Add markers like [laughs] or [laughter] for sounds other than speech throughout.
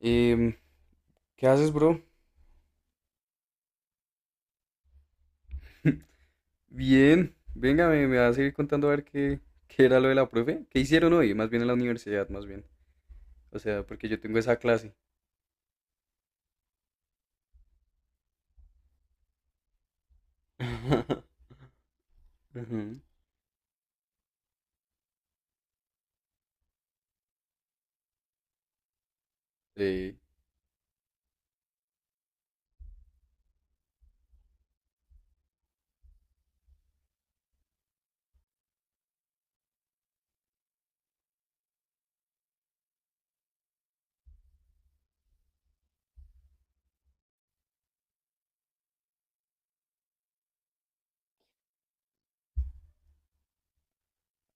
Em, ¿Qué haces, bro? [laughs] Bien, venga, me vas a seguir contando a ver qué era lo de la profe. ¿Qué hicieron hoy? Más bien en la universidad, más bien. O sea, porque yo tengo esa clase. [laughs] Ujú. Sí.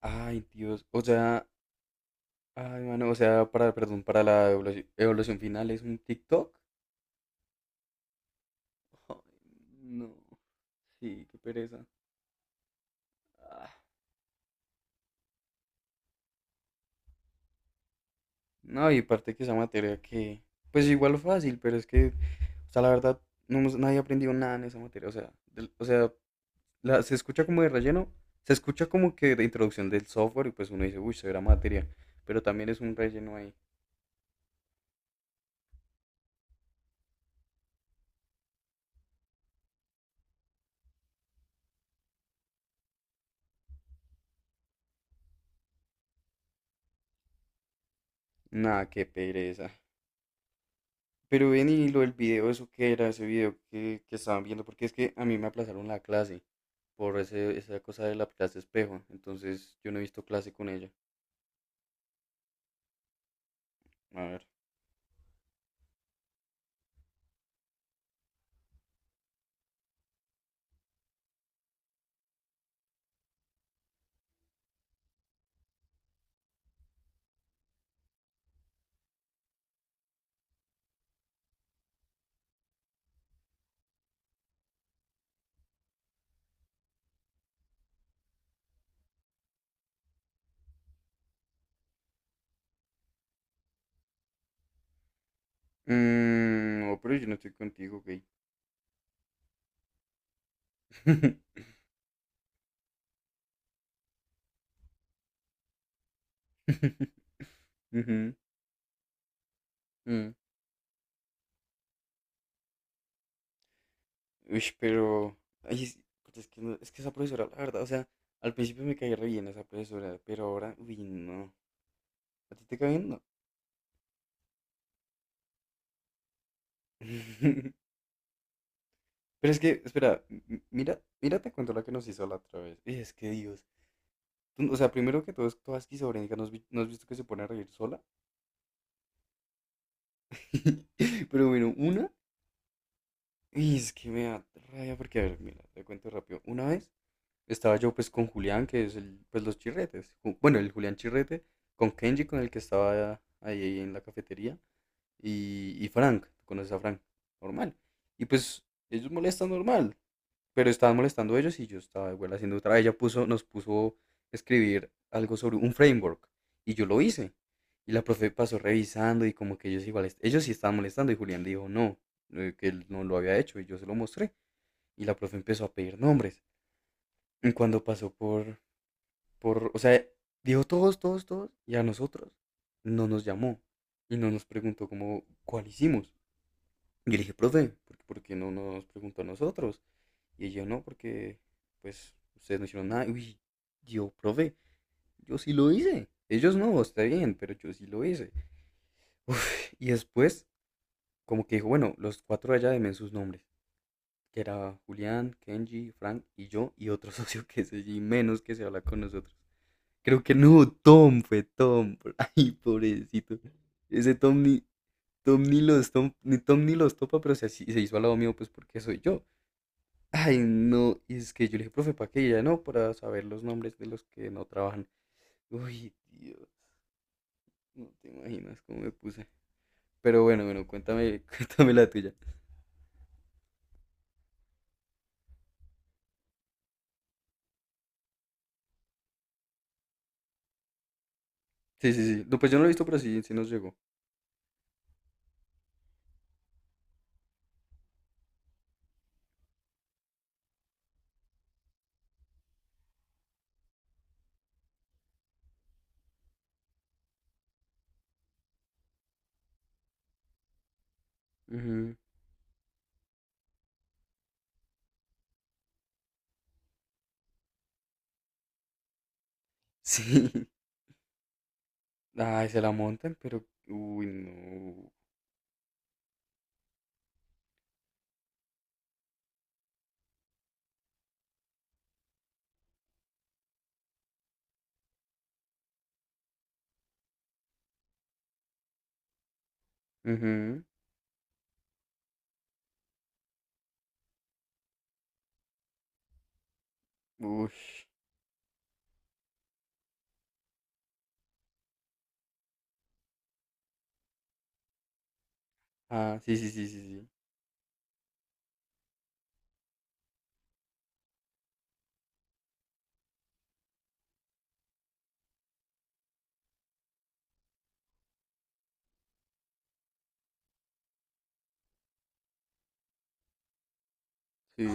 Ay, Dios. O sea, ay, mano, o sea, perdón, para la evaluación final es un TikTok. Ay, no, sí, qué pereza. Ah, no, y parte que esa materia pues igual fácil, pero es que, o sea, la verdad, nadie aprendió nada en esa materia. O sea, o sea, se escucha como de relleno, se escucha como que de introducción del software y pues uno dice, uy, será materia, pero también es un relleno ahí. Nada, qué pereza. Pero ven y lo del video, eso que era ese video que estaban viendo, porque es que a mí me aplazaron la clase por esa cosa de la clase espejo, entonces yo no he visto clase con ella. A ver. Mm, no, pero yo no estoy contigo, gay. [laughs] Ujú, mm. Uy, pero. Ay, es que es que esa profesora, la verdad, o sea, al principio me caía re bien esa profesora, pero ahora, uy, no. ¿A ti te cae bien? No. [laughs] Pero es que, espera, mira, mira, te cuento la que nos hizo la otra vez. Uy, es que Dios. O sea, primero que todo es toda esquizofrénica, ¿no no has visto que se pone a reír sola? [laughs] Pero bueno, una. Y es que me da rabia porque, a ver, mira, te cuento rápido. Una vez estaba yo pues con Julián, que es el, pues los chirretes. Bueno, el Julián Chirrete, con Kenji, con el que estaba ahí en la cafetería, y Frank, tú conoces a Frank, normal. Y pues ellos molestan normal, pero estaban molestando ellos y yo estaba igual haciendo otra. Ella nos puso a escribir algo sobre un framework y yo lo hice. Y la profe pasó revisando y como que ellos ellos sí estaban molestando y Julián dijo no, que él no lo había hecho y yo se lo mostré. Y la profe empezó a pedir nombres. Y cuando pasó o sea, dijo todos, todos, todos, y a nosotros no nos llamó y no nos preguntó como cuál hicimos. Yo le dije, profe, por qué no nos preguntó a nosotros? Y ella no, porque pues ustedes no hicieron nada. Uy, yo, profe, yo sí lo hice. Ellos no, está bien, pero yo sí lo hice. Uf, y después, como que dijo, bueno, los cuatro allá demen sus nombres, que era Julián, Kenji, Frank y yo, y otro [laughs] socio que es allí menos que se habla con nosotros. Creo que no, Tom fue Tom. [laughs] Ay, pobrecito. Ese Tom ni los tom- ni Tom ni los topa, pero se hizo al lado mío, pues porque soy yo. Ay, no. Y es que yo le dije, profe, ¿para qué? Y ella no, para saber los nombres de los que no trabajan. Uy, Dios, no te imaginas cómo me puse. Pero bueno, bueno, cuéntame, [laughs] cuéntame la tuya. Sí, sí, sí. No, pues yo no lo he visto, pero sí, sí nos llegó. Ujú. Sí. [laughs] Ay, se la montan, pero. Uy, no. Ujú. Uy. Ah, sí, sí, sí, sí, sí. Sí.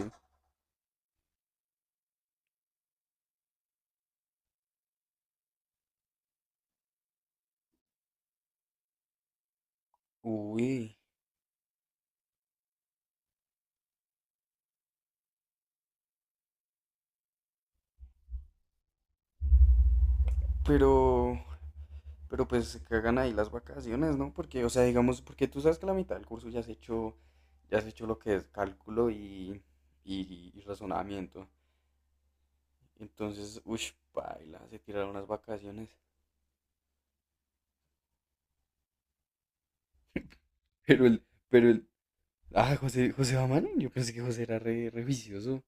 Uy. Pero, pero pues se cagan ahí las vacaciones, ¿no? Porque, o sea, digamos, porque tú sabes que la mitad del curso ya has hecho lo que es cálculo y razonamiento. Entonces, uy, paila, se tiraron las vacaciones. [laughs] Pero el, pero el, ah, José va mal yo pensé que José era re vicioso.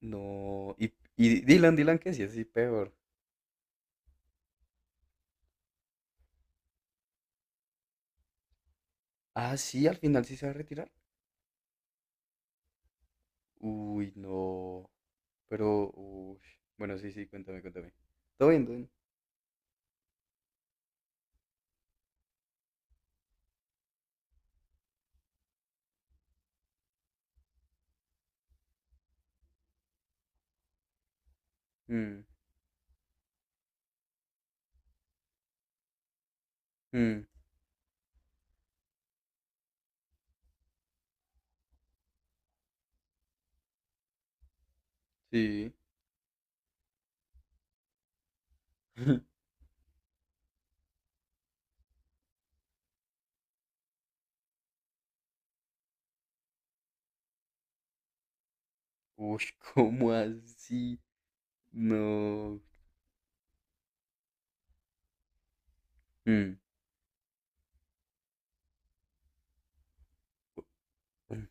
No, y Dylan, que sí, así peor. Ah, sí, al final sí se va a retirar. Uy, no. Pero, uy. Bueno, sí, sí, cuéntame, cuéntame. Todo bien, todo bien. Mm, mm, sí. [laughs] Uy, ¿cómo así? No. Mm, mm,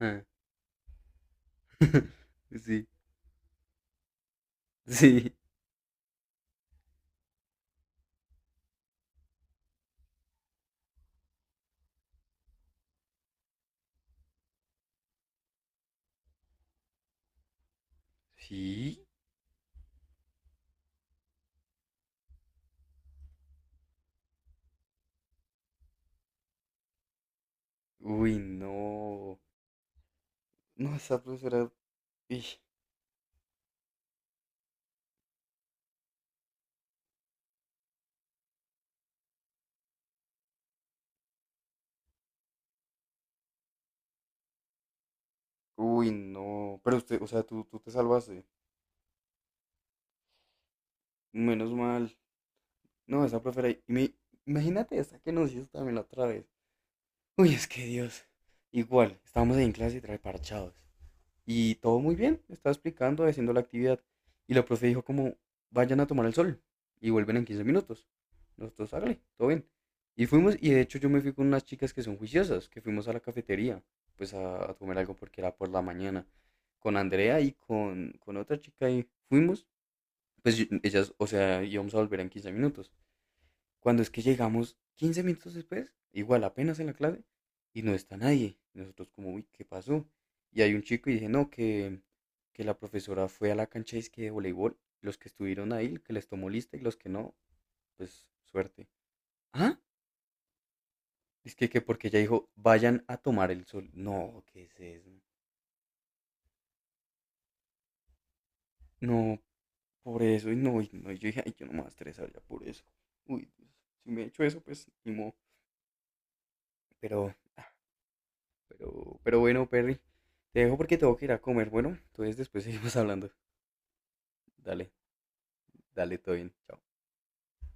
ah, [laughs] sí, sí. ¿Sí? Uy, no. No, esa profesora. Ij, uy, no. Pero usted, o sea, tú te salvaste. Menos mal. No, esa profesora. Imagínate esa que nos hizo también la otra vez. Uy, es que Dios. Igual, estábamos ahí en clase trae parchados. Y todo muy bien, estaba explicando, haciendo la actividad. Y la profe dijo como, vayan a tomar el sol y vuelven en 15 minutos. Nosotros, hágale, todo bien. Y fuimos, y de hecho yo me fui con unas chicas que son juiciosas, que fuimos a la cafetería, pues a comer algo porque era por la mañana. Con Andrea y con otra chica y fuimos, pues ellas, o sea, íbamos a volver en 15 minutos. Cuando es que llegamos 15 minutos después, igual apenas en la clase, y no está nadie. Y nosotros como, uy, ¿qué pasó? Y hay un chico y dije, no, que la profesora fue a la cancha disque de voleibol. Los que estuvieron ahí, que les tomó lista y los que no, pues suerte. ¿Ah? Que porque ella dijo, vayan a tomar el sol. No, ¿qué es eso? No, por eso, y no, yo dije, ay, yo no me voy a estresar ya por eso. Uy, si me he hecho eso, pues ni modo. Pero pero bueno, Perry, te dejo porque tengo que ir a comer. Bueno, entonces después [laughs] seguimos hablando. Dale, dale, todo bien. Chao.